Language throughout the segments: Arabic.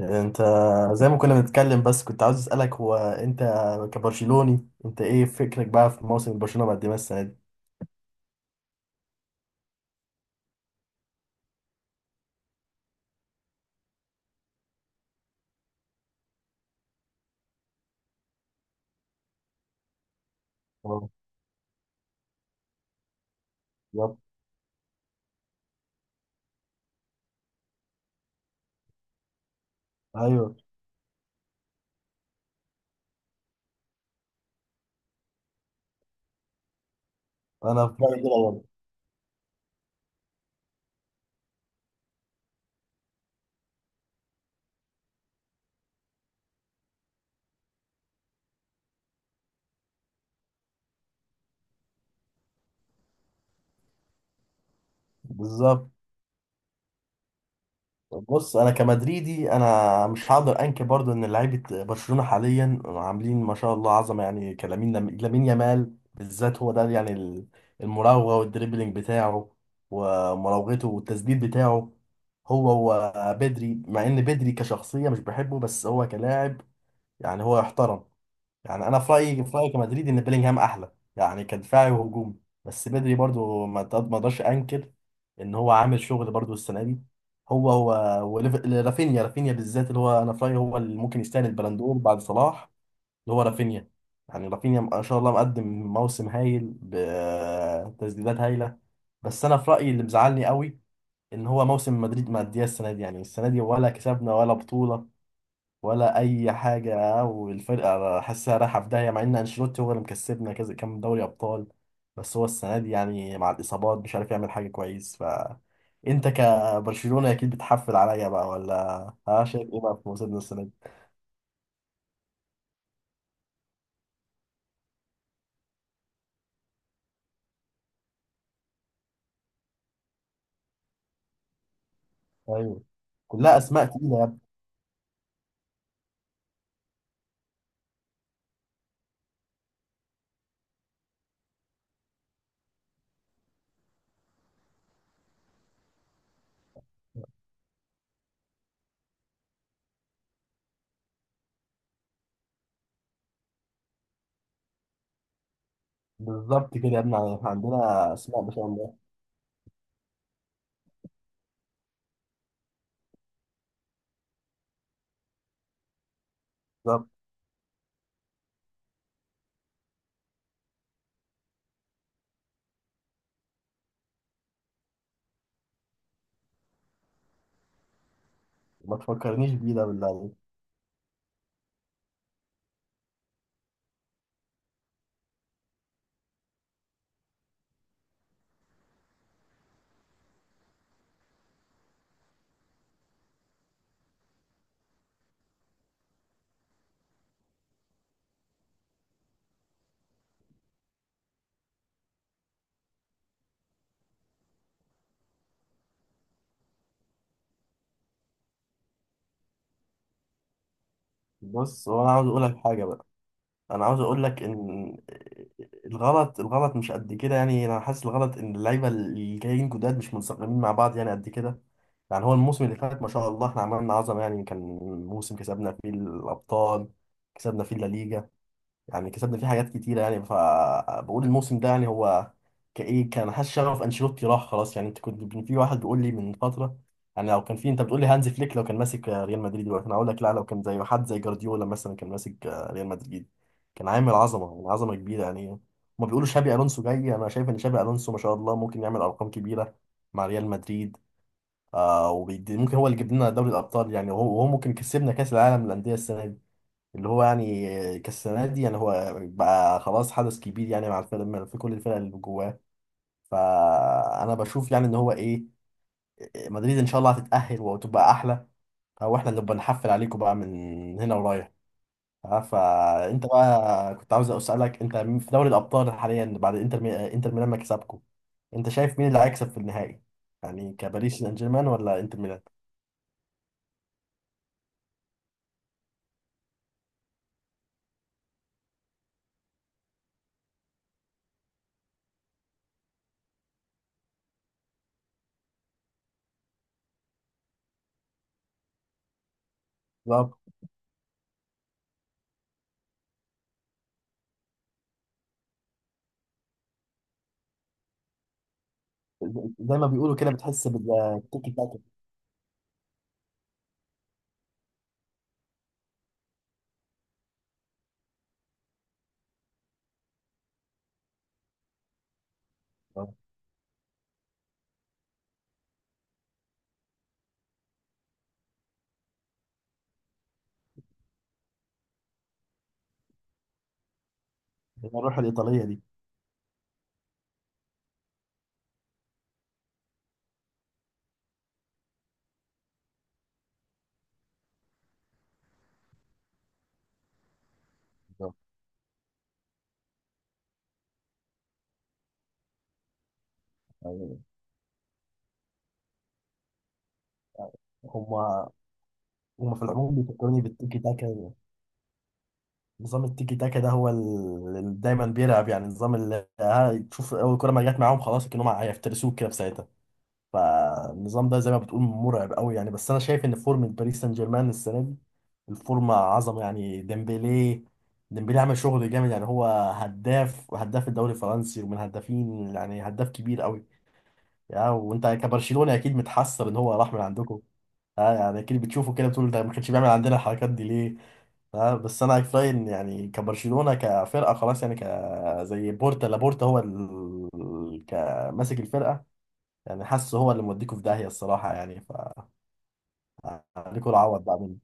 انت زي ما كنا بنتكلم، بس كنت عاوز اسالك، هو انت كبرشلوني انت ايه فكرك بقى في موسم برشلونه مقدمه السنه دي؟ اه، بالظبط. ايوه، انا في رايي كده برضه. بالظبط. بص، انا كمدريدي انا مش هقدر انكر برضو ان لعيبه برشلونه حاليا عاملين ما شاء الله عظمه، يعني كلامين لامين يامال بالذات هو ده، يعني المراوغه والدريبلينج بتاعه ومراوغته والتسديد بتاعه. هو بدري، مع ان بدري كشخصيه مش بحبه بس هو كلاعب يعني هو يحترم. يعني انا في رايي كمدريد ان بيلينغهام احلى، يعني كدفاعي وهجومي. بس بدري برضو ما اقدرش انكر ان هو عامل شغل برضو السنه دي. هو رافينيا بالذات، اللي هو انا في رايي هو اللي ممكن يستاهل البلندور بعد صلاح، اللي هو رافينيا. يعني رافينيا ما شاء الله مقدم موسم هايل بتسديدات هايله. بس انا في رايي اللي مزعلني قوي ان هو موسم مدريد مأدياه السنه دي، يعني السنه دي ولا كسبنا ولا بطوله ولا اي حاجه، والفرقه حاسسها رايحه في داهيه، مع ان انشيلوتي هو اللي مكسبنا كذا كام دوري ابطال، بس هو السنه دي يعني مع الاصابات مش عارف يعمل حاجه كويس. ف انت كبرشلونه اكيد بتحفل عليا بقى ولا؟ ها، شايف ايه بقى في موسمنا السنه دي؟ ايوه، كلها اسماء تقيله يا ابني. بالظبط كده يا ابني، عندنا اسماء ما شاء الله. بالظبط، ما تفكرنيش بيه ده بالله عليك. بص، هو انا عاوز اقول لك حاجه بقى، انا عاوز اقول لك ان الغلط مش قد كده. يعني انا حاسس الغلط ان اللعيبه اللي جايين جداد مش منسقمين مع بعض، يعني قد كده. يعني هو الموسم اللي فات ما شاء الله احنا عملنا عظمه، يعني كان موسم كسبنا فيه الابطال، كسبنا فيه الليجا، يعني كسبنا فيه حاجات كتيرة. يعني فبقول الموسم ده يعني هو كإيه، كان حاسس شغف أنشيلوتي راح خلاص. يعني أنت كنت في واحد بيقول لي من فترة، يعني لو كان في، أنت بتقول لي هانز فليك لو كان ماسك ريال مدريد دلوقتي، أنا أقول لك لا، لو كان زي حد زي جوارديولا مثلا كان ماسك ريال مدريد كان عامل عظمة، يعني عظمة كبيرة يعني. هما بيقولوا شابي ألونسو جاي، أنا شايف إن شابي ألونسو ما شاء الله ممكن يعمل أرقام كبيرة مع ريال مدريد. آه، وبيدي ممكن هو اللي يجيب لنا دوري الأبطال، يعني وهو ممكن كسبنا كأس العالم للأندية السنة دي، اللي هو يعني كالسنة دي، يعني هو بقى خلاص حدث كبير يعني مع الفرق، في كل الفرق اللي جواه. فأنا بشوف يعني إن هو إيه، مدريد إن شاء الله هتتأهل وتبقى أحلى، أو إحنا اللي بنحفل عليكم بقى من هنا ورايح. فأنت بقى كنت عاوز أسألك، أنت مين في دوري الأبطال حاليا بعد إنتر ميلان ما كسبكم؟ أنت شايف مين اللي هيكسب في النهائي؟ يعني كباريس سان جيرمان ولا إنتر ميلان؟ بالظبط، زي ما بيقولوا كده، بتحس بالتيكي تاكا. الروح الإيطالية دي. بالظبط. هما، هما في العموم بيفكروني بالتيكي تاكا. نظام التيكي تاكا ده هو اللي دايما بيلعب، يعني النظام اللي، ها، تشوف اول كرة ما جت معاهم خلاص كأنهم هيفترسوك كده في ساعتها. فالنظام ده زي ما بتقول مرعب قوي يعني، بس انا شايف ان فورمة باريس سان جيرمان السنة دي الفورمة عظمة، يعني ديمبلي، ديمبلي عمل شغل جامد يعني، هو هداف، وهداف الدوري الفرنسي، ومن هدافين، يعني هداف كبير قوي. يا، وانت كبرشلونة اكيد متحسر ان هو راح من عندكم؟ اه يعني اكيد بتشوفه كده بتقول ده ما كانش بيعمل عندنا الحركات دي ليه. اه، بس انا كفايه إن يعني كبرشلونه كفرقه خلاص، يعني ك، زي بورتا لابورتا هو كماسك الفرقه، يعني حاسه هو اللي موديكوا في داهيه الصراحه يعني. ف عليكوا العوض بقى منه.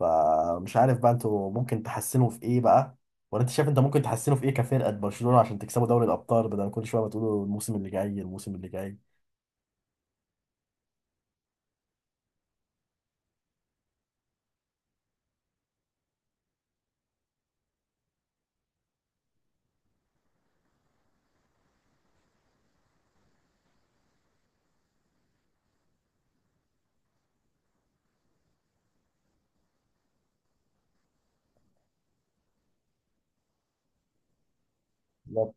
فمش عارف بقى انتوا ممكن تحسنوا في ايه بقى، ولا انت شايف انت ممكن تحسنوا في ايه كفرقه برشلونه عشان تكسبوا دوري الابطال بدل كل شويه ما تقولوا الموسم اللي جاي الموسم اللي جاي؟ بالظبط.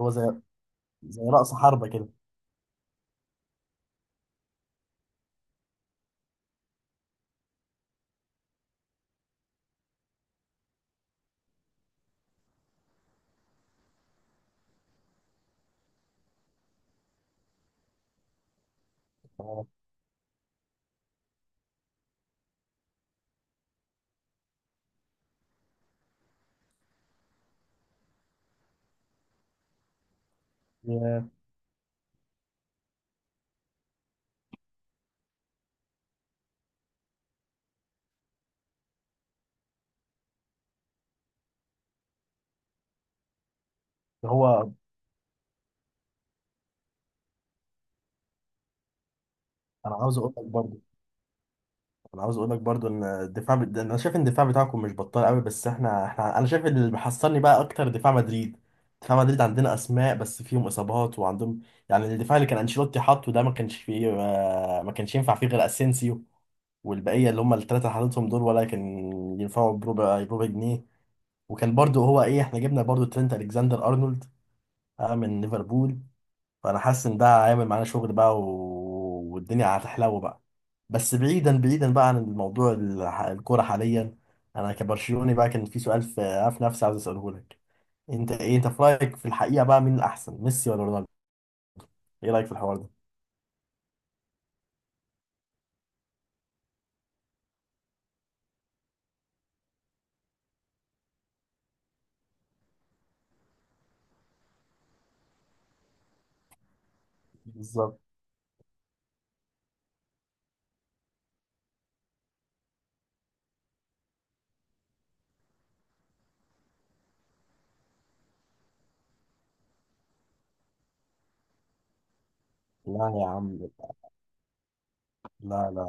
هو زي، زي رأس حربة كده. آه، هو انا عاوز اقول لك برضه، انا عاوز اقول لك برضو ان انا شايف ان الدفاع بتاعكم مش بطال قوي، بس احنا انا شايف ان اللي محصلني بقى اكتر دفاع مدريد. دفاع مدريد عندنا اسماء بس فيهم اصابات وعندهم، يعني الدفاع اللي كان انشيلوتي حاطه ده ما كانش ينفع فيه غير اسينسيو، والبقيه اللي هم الثلاثه اللي حاططهم دول ولا كان ينفعوا بربع جنيه. وكان برضو هو ايه، احنا جبنا برضو ترينت الكسندر ارنولد، من ليفربول. فانا حاسس ان ده هيعمل معانا شغل بقى و... والدنيا هتحلو بقى. بس بعيدا بقى عن الموضوع الكوره حاليا، انا كبرشلوني بقى كان في سؤال في نفسي عايز اساله لك. انت ايه، انت في رايك في الحقيقه بقى مين الاحسن، ميسي ولا رونالدو؟ ايه رايك في الحوار ده؟ بالظبط. لا يا عم لا. لا لا.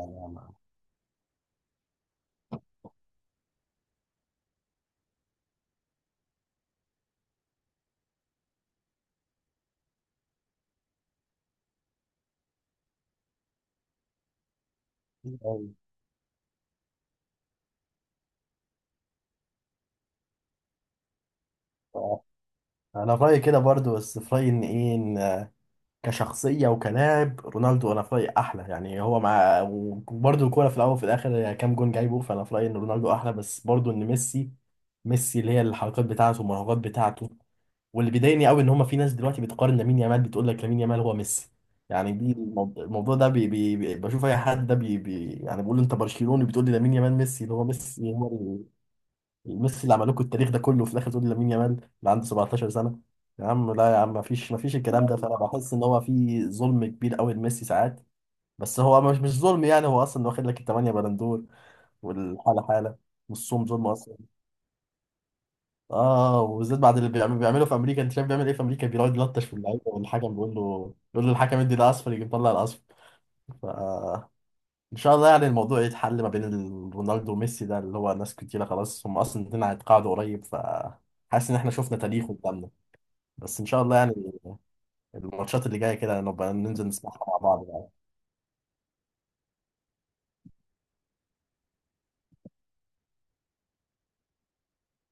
لا، انا في رايي كده برضو، بس في رايي ان ايه، كشخصية وكلاعب رونالدو أنا في رأيي أحلى، يعني هو مع، وبرضه الكورة في الأول وفي الآخر كام جون جايبه، فأنا في رأيي إن رونالدو أحلى. بس برضه إن ميسي، ميسي اللي هي الحركات بتاعته والمراوغات بتاعته، واللي بيضايقني قوي إن هما في ناس دلوقتي بتقارن لامين يامال بتقول لك لامين يامال هو ميسي. يعني دي الموضوع ده بشوف أي حد ده بي بي، يعني بقول له أنت برشلوني بتقول لي لامين يامال ميسي، اللي هو ميسي، هو ميسي اللي عملوه لكم التاريخ ده كله، وفي الاخر تقول لي لامين يامال اللي عنده 17 سنه؟ يا عم لا يا عم، مفيش الكلام ده. فانا بحس ان هو في ظلم كبير قوي لميسي ساعات، بس هو مش ظلم، يعني هو اصلا واخد لك الثمانيه بلندور، والحاله حاله، والصوم ظلم اصلا. اه، وبالذات بعد اللي بيعملوا في امريكا، انت شايف بيعمل ايه في امريكا، بيقعد يلطش في اللعيبه والحكم بيقول له الحكم ادي ده اصفر يجي مطلع الاصفر. ف ان شاء الله يعني الموضوع يتحل ما بين رونالدو وميسي، ده اللي هو ناس كتيرة خلاص، هم اصلا الاتنين هيتقاعدوا قريب. ف حاسس ان احنا شفنا تاريخ قدامنا، بس ان شاء الله يعني الماتشات اللي جايه كده نبقى ننزل نسمعها مع بعض بقى.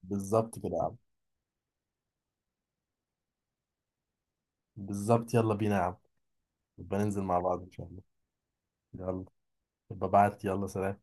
بالظبط كده يا عم. بالظبط، يلا بينا يا عم، نبقى ننزل مع بعض ان شاء الله. يلا، ابقى بعت، يلا سلام.